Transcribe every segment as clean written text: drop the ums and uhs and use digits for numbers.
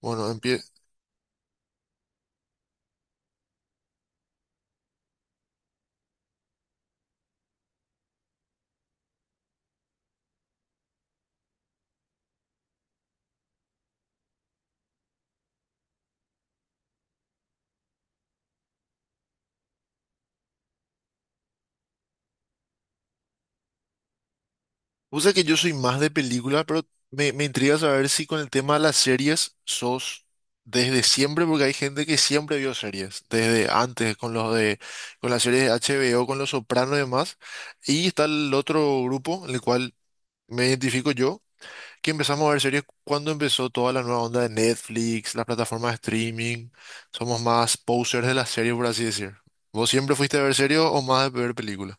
Bueno, empie... Usa que yo soy más de película, pero me intriga saber si con el tema de las series sos desde siempre, porque hay gente que siempre vio series, desde antes, con las series de HBO, con Los Sopranos y demás. Y está el otro grupo, en el cual me identifico yo, que empezamos a ver series cuando empezó toda la nueva onda de Netflix, las plataformas de streaming. Somos más posers de las series, por así decir. ¿Vos siempre fuiste a ver series o más de ver películas?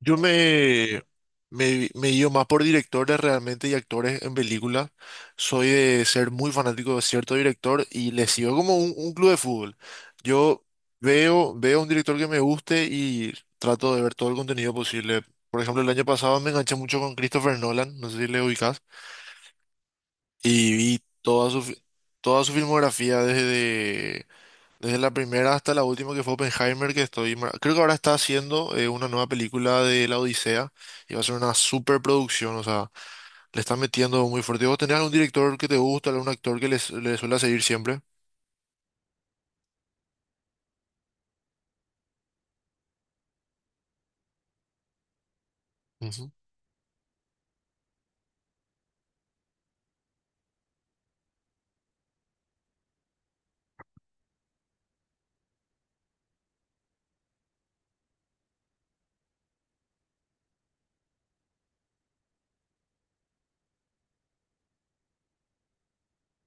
Yo me guío más por directores realmente y actores en películas. Soy de ser muy fanático de cierto director y le sigo como un club de fútbol. Yo veo un director que me guste y trato de ver todo el contenido posible. Por ejemplo, el año pasado me enganché mucho con Christopher Nolan, no sé si le ubicas, y vi toda toda su filmografía desde la primera hasta la última que fue Oppenheimer, Creo que ahora está haciendo una nueva película de La Odisea y va a ser una superproducción, o sea, le están metiendo muy fuerte. ¿Vos tenés algún director que te gusta, algún actor que le suele seguir siempre? Ujú.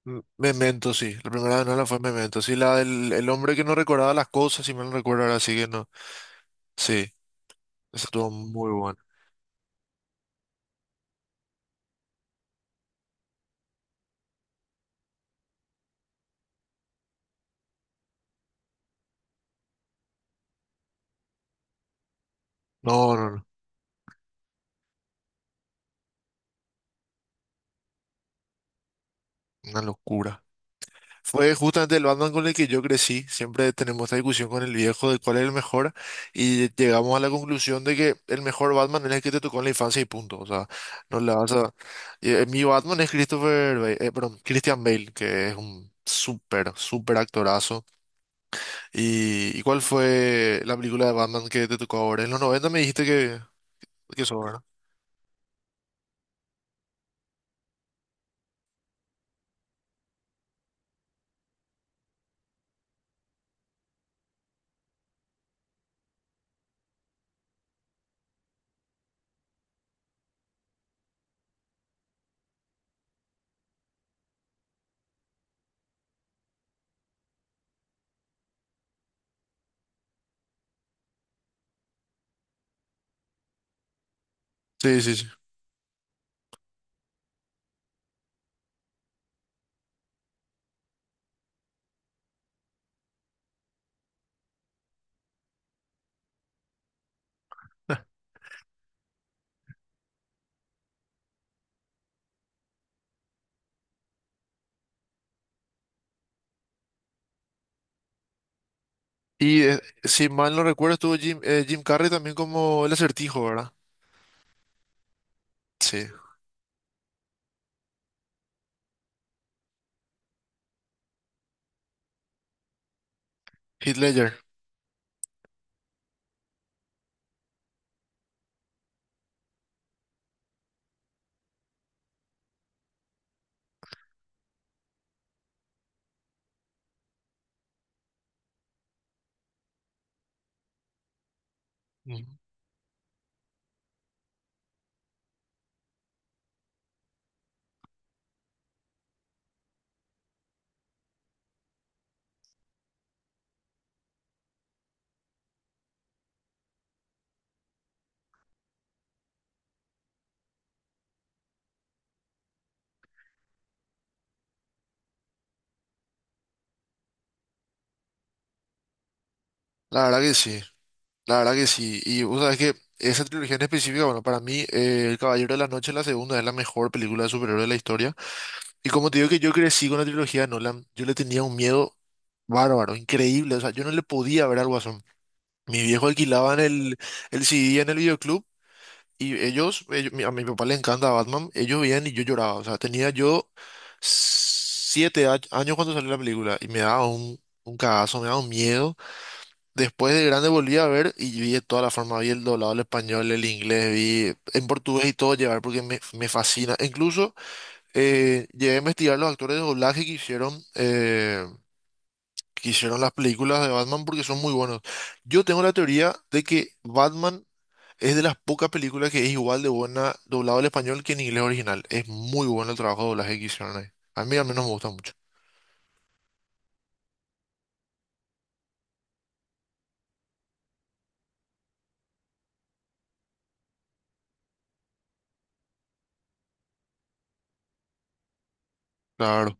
Memento, sí. La primera de Nolan fue Memento. Sí, la del el hombre que no recordaba las cosas, si mal no recuerdo ahora, sí que no. Sí, esa estuvo muy buena. No, no, no. Una locura. Fue justamente el Batman con el que yo crecí. Siempre tenemos esta discusión con el viejo de cuál es el mejor y llegamos a la conclusión de que el mejor Batman es el que te tocó en la infancia y punto. O sea, no le vas a... Mi Batman es Christopher Bale, perdón, Christian Bale, que es un súper, súper actorazo. ¿Y cuál fue la película de Batman que te tocó ahora? En los 90 me dijiste que eso, ¿verdad? Sí, sí, sí. Y si mal no recuerdo, estuvo Jim Carrey también como el acertijo, ¿verdad? Sí. Heath Ledger. La verdad que sí, la verdad que sí. Y vos sabés que esa trilogía en específica, bueno, para mí, El Caballero de la Noche, la segunda, es la mejor película de superhéroes de la historia. Y como te digo que yo crecí con la trilogía de Nolan, yo le tenía un miedo bárbaro, increíble. O sea, yo no le podía ver al Guasón. Mi viejo alquilaban el CD en el videoclub y a mi papá le encanta Batman, ellos veían y yo lloraba. O sea, tenía yo años cuando salió la película y me daba un cagazo, me daba un miedo. Después de grande volví a ver y vi de toda la forma, vi el doblado al español, el inglés, vi en portugués y todo llevar porque me fascina. E Incluso llegué a investigar los actores de doblaje que hicieron las películas de Batman porque son muy buenos. Yo tengo la teoría de que Batman es de las pocas películas que es igual de buena doblado al español que en inglés original. Es muy bueno el trabajo de doblaje que hicieron ahí. A mí al menos me gusta mucho. Claro,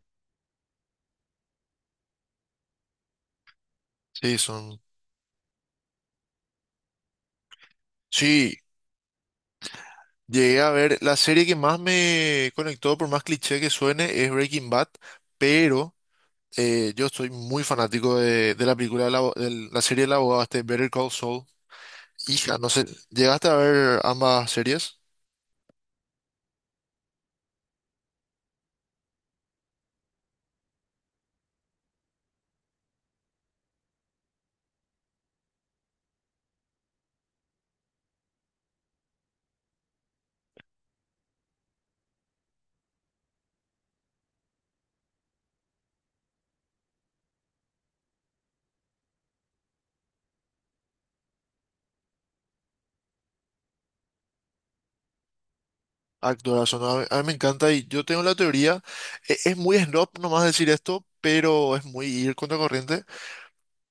sí, son... Sí, llegué a ver, la serie que más me conectó, por más cliché que suene, es Breaking Bad, pero yo soy muy fanático de la película, del abo- del- la, serie del abogado, este Better Call Saul. Hija, no sé, ¿llegaste a ver ambas series? Actoras, son, a mí me encanta y yo tengo la teoría, es muy snob nomás decir esto, pero es muy ir contra corriente,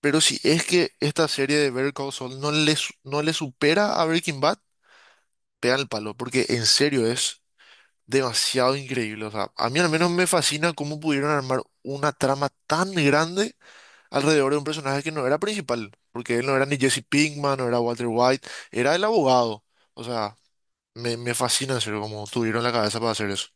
pero si es que esta serie de Better Call Saul no le supera a Breaking Bad, pegan el palo, porque en serio es demasiado increíble. O sea, a mí al menos me fascina cómo pudieron armar una trama tan grande alrededor de un personaje que no era principal, porque él no era ni Jesse Pinkman, no era Walter White, era el abogado. O sea, me fascina en serio cómo tuvieron la cabeza para hacer eso.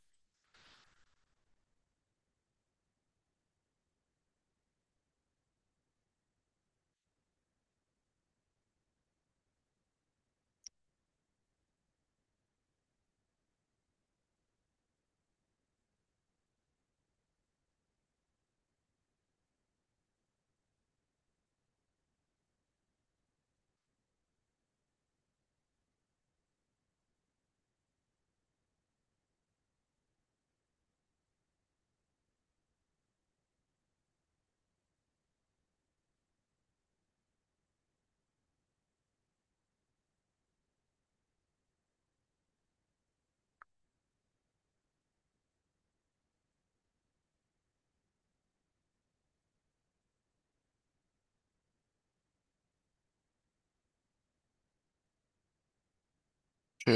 Sí.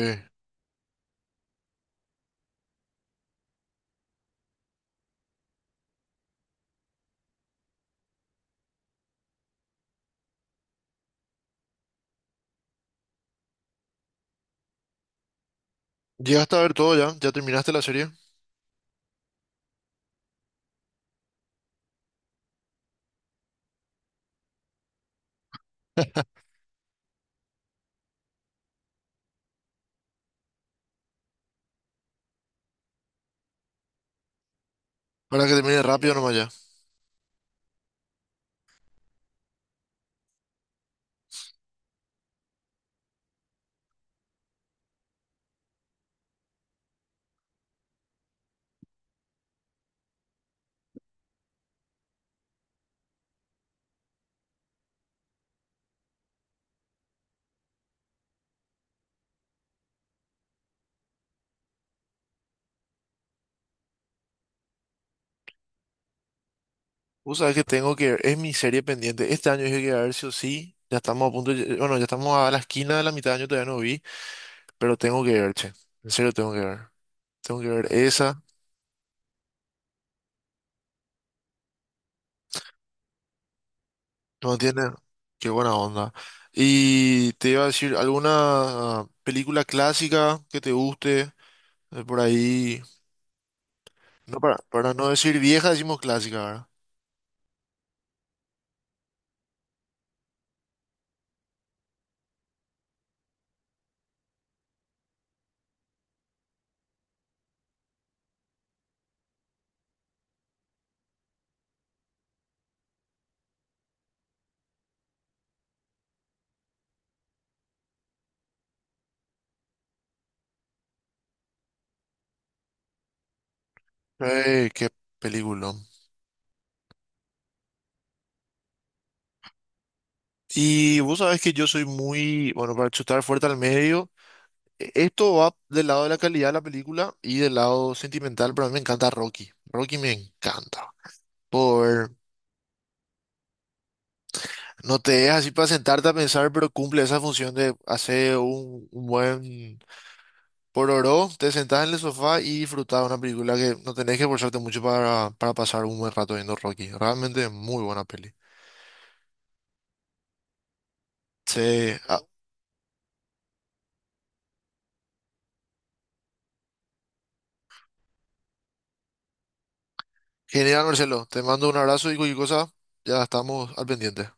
Llegaste a ver todo ya, ya terminaste la serie. Para que termine rápido nomás ya. Vos sabés que tengo que ver, es mi serie pendiente. Este año dije que iba a ver sí o sí. Ya estamos a punto, bueno, ya estamos a la esquina de la mitad de año, todavía no vi, pero tengo que ver, che. En serio tengo que ver. Tengo que ver esa. No tiene. Qué buena onda. Y te iba a decir, ¿alguna película clásica que te guste? Por ahí. No, para no decir vieja, decimos clásica, ¿verdad? Qué película. Y vos sabés que yo soy muy, bueno, para chutar fuerte al medio. Esto va del lado de la calidad de la película y del lado sentimental, pero a mí me encanta Rocky. Rocky me encanta. Por, no te dejas así para sentarte a pensar, pero cumple esa función de hacer un buen Por oro, te sentás en el sofá y disfrutás de una película que no tenés que esforzarte mucho para pasar un buen rato viendo Rocky. Realmente es muy buena peli. Sí, ah, genial Marcelo, te mando un abrazo y cualquier cosa, ya estamos al pendiente.